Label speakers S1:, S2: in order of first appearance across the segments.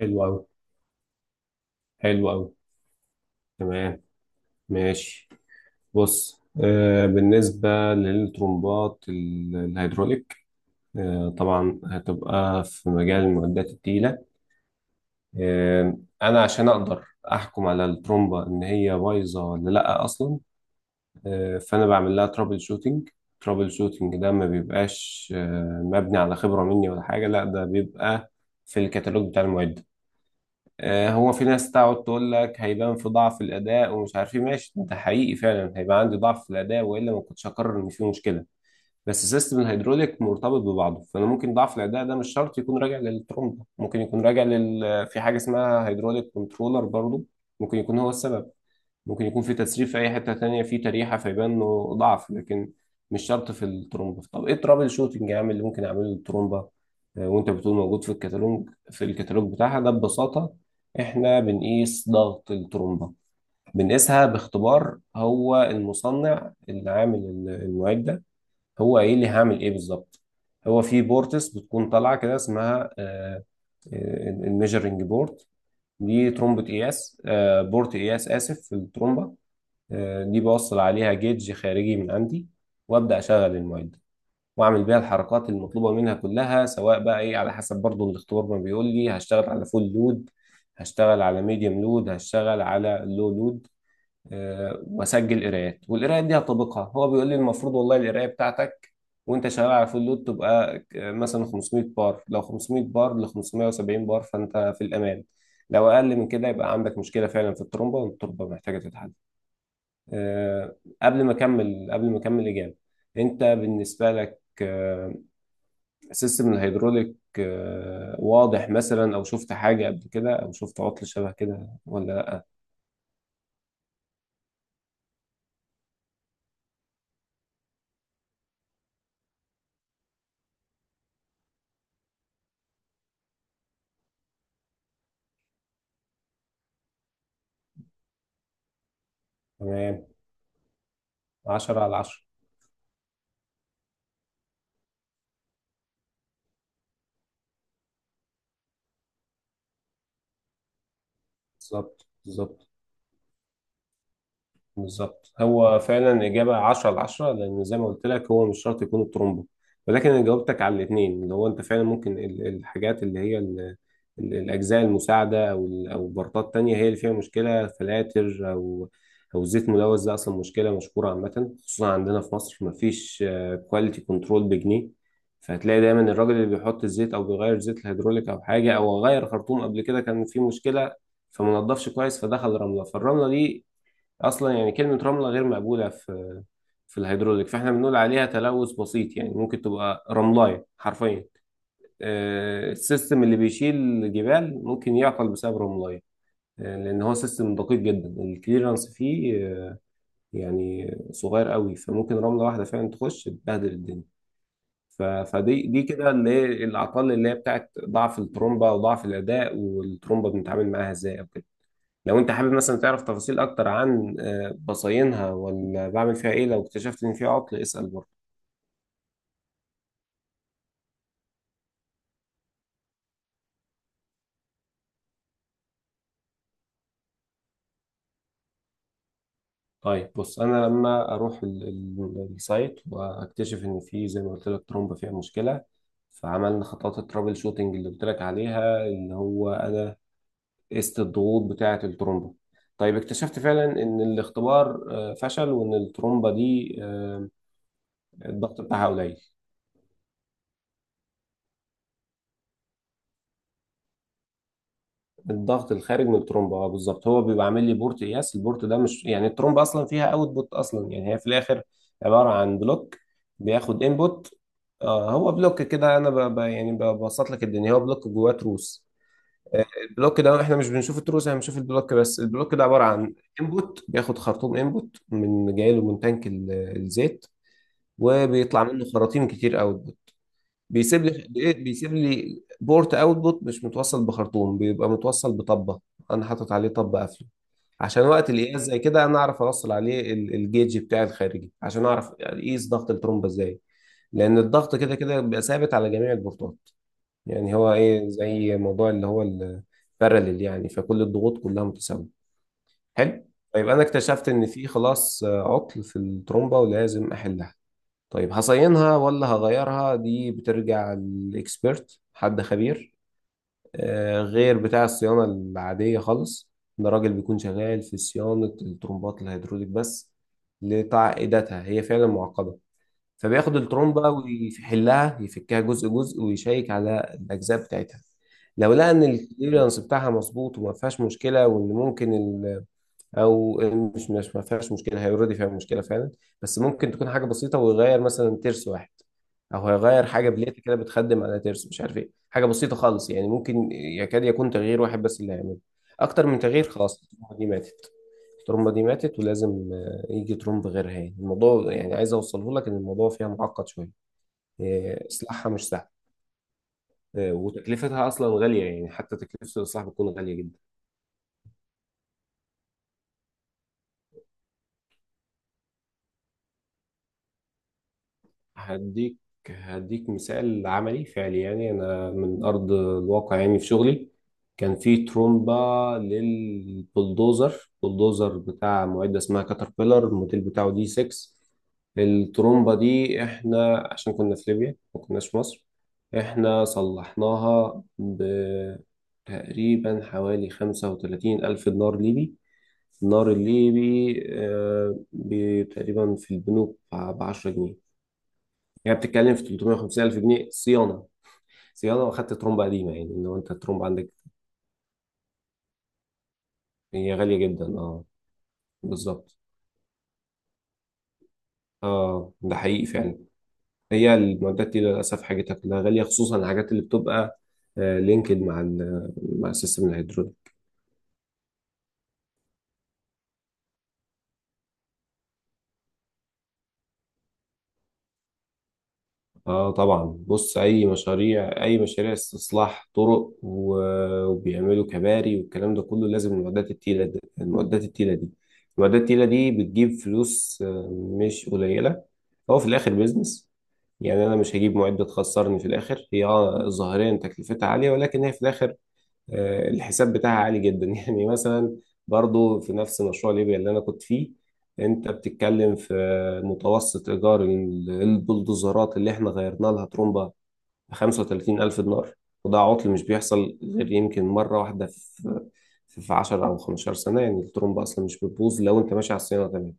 S1: حلو أوي. حلو أوي. تمام. ماشي. بص، بالنسبة للترمبات الهيدروليك، طبعا هتبقى في مجال المعدات التقيلة. أنا عشان أقدر أحكم على الترمبة إن هي بايظة ولا لأ أصلا، فأنا بعمل لها ترابل شوتينج. ترابل شوتينج ده ما بيبقاش مبني على خبرة مني ولا حاجة، لأ، ده بيبقى في الكتالوج بتاع المعدة. هو في ناس تقعد تقول لك هيبان في ضعف الاداء ومش عارف ايه، ماشي ده حقيقي، فعلا هيبقى عندي ضعف في الاداء والا ما كنتش هقرر ان في مشكله. بس سيستم الهيدروليك مرتبط ببعضه، فانا ممكن ضعف الاداء ده مش شرط يكون راجع للترومبه، ممكن يكون راجع في حاجه اسمها هيدروليك كنترولر، برضه ممكن يكون هو السبب. ممكن يكون في تسريب في اي حته تانية في تريحه فيبان انه ضعف، لكن مش شرط في الترومبه. طب ايه الترابل شوتنج يا عم اللي ممكن اعمله للترومبه؟ وانت بتقول موجود في الكتالوج، في الكتالوج بتاعها، ده ببساطه احنا بنقيس ضغط الترومبه. بنقيسها باختبار، هو المصنع اللي عامل المعده ده هو قايل لي هعمل ايه بالظبط. هو في بورتس بتكون طالعه كده اسمها الميجرنج بورد، دي ترومبه قياس، بورت قياس اسف، في الترومبه. دي بوصل عليها جيج خارجي من عندي، وابدا اشغل المعده واعمل بيها الحركات المطلوبه منها كلها، سواء بقى ايه على حسب برضو الاختبار ما بيقول لي، هشتغل على فول لود، هشتغل على ميديوم لود، هشتغل على لو لود. واسجل قراءات، والقراءات دي هطبقها. هو بيقول لي المفروض والله القرايه بتاعتك وانت شغال على فول لود تبقى مثلا 500 بار، لو 500 بار ل 570 بار فانت في الامان، لو اقل من كده يبقى عندك مشكله فعلا في الترومبه والترومبه محتاجه تتحل. آه، قبل ما اكمل، قبل ما اكمل اجابه، انت بالنسبه لك سيستم الهيدروليك واضح مثلا؟ او شفت حاجه قبل كده او شفت عطل شبه كده ولا لا؟ تمام. 10 على 10. بالظبط، بالظبط. بالظبط، هو فعلا إجابة 10 على 10، لأن زي ما قلت لك هو مش شرط يكون الترومبو، ولكن أنا جاوبتك على الاتنين، اللي هو أنت فعلا ممكن الحاجات اللي هي الأجزاء المساعدة أو أو بارتات تانية هي اللي فيها مشكلة، فلاتر أو أو زيت ملوث. ده أصلا مشكلة مشهورة عامة، خصوصا عندنا في مصر مفيش كواليتي كنترول بجنيه، فهتلاقي دايما الراجل اللي بيحط الزيت أو بيغير زيت الهيدروليك أو حاجة، أو غير خرطوم قبل كده كان فيه مشكلة فما نضفش كويس فدخل رملة، فالرملة دي اصلا، يعني كلمه رمله غير مقبوله في في الهيدروليك، فاحنا بنقول عليها تلوث بسيط، يعني ممكن تبقى رملايه حرفيا. السيستم اللي بيشيل الجبال ممكن يعطل بسبب رملايه، لان هو سيستم دقيق جدا، الكليرنس فيه يعني صغير قوي، فممكن رمله واحده فعلا تخش تبهدل الدنيا. فدي، دي كده اللي هي الاعطال اللي هي بتاعت ضعف الترومبه وضعف الاداء، والترومبه بنتعامل معاها ازاي او كده. لو انت حابب مثلا تعرف تفاصيل اكتر عن بصاينها ولا بعمل فيها ايه لو اكتشفت ان فيها عطل، اسأل برضه. طيب بص، انا لما اروح السايت واكتشف ان في، زي ما قلت لك، ترومبه فيها مشكله، فعملنا خطوات الترابل شوتنج اللي قلت لك عليها، اللي هو انا قست الضغوط بتاعه الترومبه. طيب اكتشفت فعلا ان الاختبار فشل وان الترومبه دي الضغط بتاعها قليل. الضغط الخارج من الترومبه، اه بالظبط، هو بيبقى عامل لي بورت قياس، البورت ده مش يعني الترومبه اصلا فيها اوتبوت، اصلا يعني هي في الاخر عباره عن بلوك بياخد انبوت. آه، هو بلوك كده، انا يعني ببسط لك الدنيا، هو بلوك جواه تروس. البلوك ده احنا مش بنشوف التروس، احنا بنشوف البلوك بس. البلوك ده عباره عن انبوت، بياخد خرطوم انبوت من جاي له من تانك الزيت، وبيطلع منه خراطيم كتير قوي. بيسيب لي، بيسيب لي بورت اوتبوت مش متوصل بخرطوم، بيبقى متوصل بطبه انا حاطط عليه، طب قافله، عشان وقت القياس زي كده انا اعرف اوصل عليه الجيج بتاعي الخارجي عشان اعرف اقيس ضغط الترومبه ازاي، لان الضغط كده كده بيبقى ثابت على جميع البورتات. يعني هو ايه، زي موضوع اللي هو الباراليل يعني، فكل الضغوط كلها متساويه. حلو. فيبقى انا اكتشفت ان في خلاص عطل في الترومبه ولازم احلها. طيب هصينها ولا هغيرها؟ دي بترجع للاكسبيرت، حد خبير غير بتاع الصيانة العادية خالص. ده راجل بيكون شغال في صيانة الترمبات الهيدروليك بس، لتعقيداتها، هي فعلا معقدة. فبياخد الترمبة ويحلها، يفكها جزء جزء، ويشيك على الأجزاء بتاعتها. لو لقى إن الكليرنس بتاعها مظبوط وما فيهاش مشكلة، وإن ممكن او مش مش ما فيهاش مشكله، هي اوريدي فيها مشكله فعلا، بس ممكن تكون حاجه بسيطه، ويغير مثلا ترس واحد، او هيغير حاجه بليت كده بتخدم على ترس، مش عارف ايه، حاجه بسيطه خالص، يعني ممكن يكاد يكون تغيير واحد بس اللي هيعمله. اكتر من تغيير، خلاص الترومبه دي ماتت. الترومبه دي ماتت ولازم يجي ترومب غيرها. يعني الموضوع، يعني عايز اوصله لك ان الموضوع فيها معقد شويه، اصلاحها مش سهل، وتكلفتها اصلا غاليه، يعني حتى تكلفه الاصلاح بتكون غاليه جدا. هديك هديك مثال عملي فعلي، يعني انا من ارض الواقع، يعني في شغلي كان في ترومبا للبلدوزر، بلدوزر بتاع معدة اسمها كاتربيلر، الموديل بتاعه دي 6. الترومبا دي احنا، عشان كنا في ليبيا ما كناش في مصر، احنا صلحناها بتقريبا حوالي خمسة وتلاتين ألف دينار ليبي. النار الليبي تقريبا في البنوك بعشرة جنيه، يعني بتتكلم في 350 الف جنيه صيانه. صيانه، واخدت ترومبه قديمه. يعني لو انت الترومبه عندك، هي غاليه جدا، اه بالظبط. اه، ده حقيقي فعلا، هي المعدات دي للاسف حاجتها كلها غاليه، خصوصا الحاجات اللي بتبقى آه لينكد مع ال مع السيستم الهيدروليك. اه طبعا، بص، اي مشاريع، اي مشاريع استصلاح طرق، وبيعملوا كباري والكلام ده كله، لازم المعدات التقيله دي، المعدات التقيله دي، المعدات التقيله دي بتجيب فلوس مش قليله. هو في الاخر بيزنس، يعني انا مش هجيب معده تخسرني في الاخر. هي اه ظاهريا تكلفتها عاليه، ولكن هي في الاخر الحساب بتاعها عالي جدا. يعني مثلا برضو في نفس مشروع ليبيا اللي انا كنت فيه، انت بتتكلم في متوسط ايجار البلدوزرات اللي احنا غيرنا لها ترومبا ب 35 الف دينار. وده عطل مش بيحصل غير يمكن مره واحده في 10 او 15 سنه، يعني الترومبا اصلا مش بتبوظ لو انت ماشي على الصيانه تمام.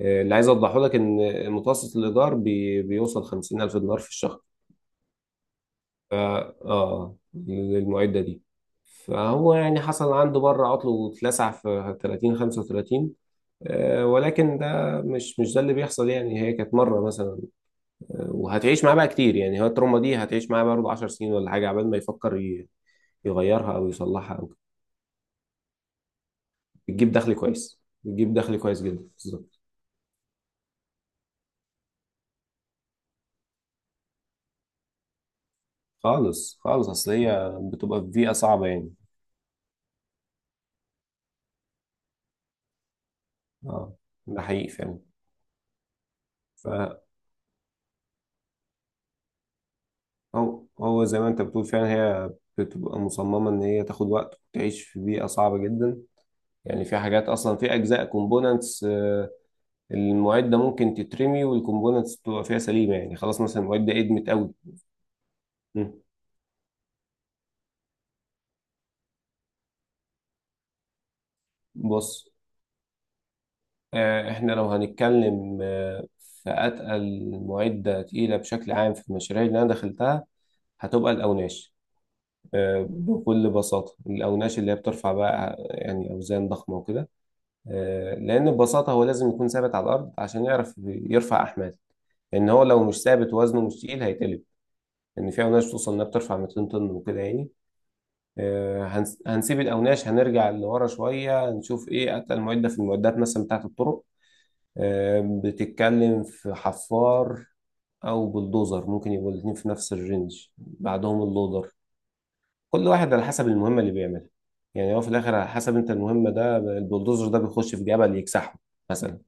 S1: اللي عايز اوضحه لك ان متوسط الايجار بيوصل 50,000 دينار في الشهر ف اه للمعدة دي. فهو يعني حصل عنده مرة عطل واتلسع في 30 35، ولكن ده مش مش ده اللي بيحصل، يعني هي كانت مرة مثلا، وهتعيش معاه بقى كتير، يعني هو التروما دي هتعيش معاه برضه 10 سنين ولا حاجة عبال ما يفكر يغيرها أو يصلحها أو كده. بتجيب دخل كويس، بتجيب دخل كويس جدا، بالظبط. خالص خالص، أصل هي بتبقى في بيئة صعبة يعني. اه ده حقيقي فعلا. ف هو زي ما انت بتقول فعلا، هي بتبقى مصممة ان هي تاخد وقت وتعيش في بيئة صعبة جدا. يعني في حاجات اصلا، في اجزاء كومبوننتس المعدة ممكن تترمي والكومبوننتس تبقى فيها سليمة، يعني خلاص مثلا المعدة ادمت قوي. مم. بص، احنا لو هنتكلم في اتقل معدة تقيلة بشكل عام في المشاريع اللي انا دخلتها، هتبقى الاوناش. بكل بساطة الاوناش اللي هي بترفع بقى يعني اوزان ضخمة وكده، لان ببساطه هو لازم يكون ثابت على الارض عشان يعرف يرفع احمال، لان هو لو مش ثابت وزنه مش تقيل هيتقلب، لان في اوناش توصل انها بترفع 200 طن وكده يعني. هنسيب الاوناش، هنرجع لورا شويه نشوف ايه اتقل معده في المعدات مثلا بتاعه الطرق. بتتكلم في حفار او بلدوزر، ممكن يبقوا الاثنين في نفس الرينج، بعدهم اللودر. كل واحد على حسب المهمة اللي بيعملها، يعني هو في الآخر على حسب أنت المهمة، ده البلدوزر ده بيخش في جبل يكسحه مثلا،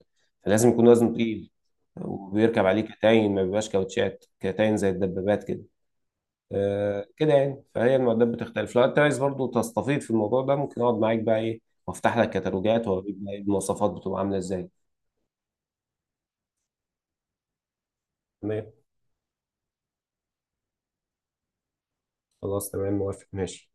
S1: فلازم يكون وزنه تقيل، وبيركب عليه كتاين، ما بيبقاش كاوتشات، كتاين زي الدبابات كده. آه كده يعني، فهي المعدات بتختلف. لو أنت عايز برضه تستفيض في الموضوع ده، ممكن أقعد معاك بقى إيه وأفتح لك كتالوجات وأوريك بقى إيه المواصفات بتبقى عاملة إزاي. تمام. خلاص، تمام، موافق. ماشي.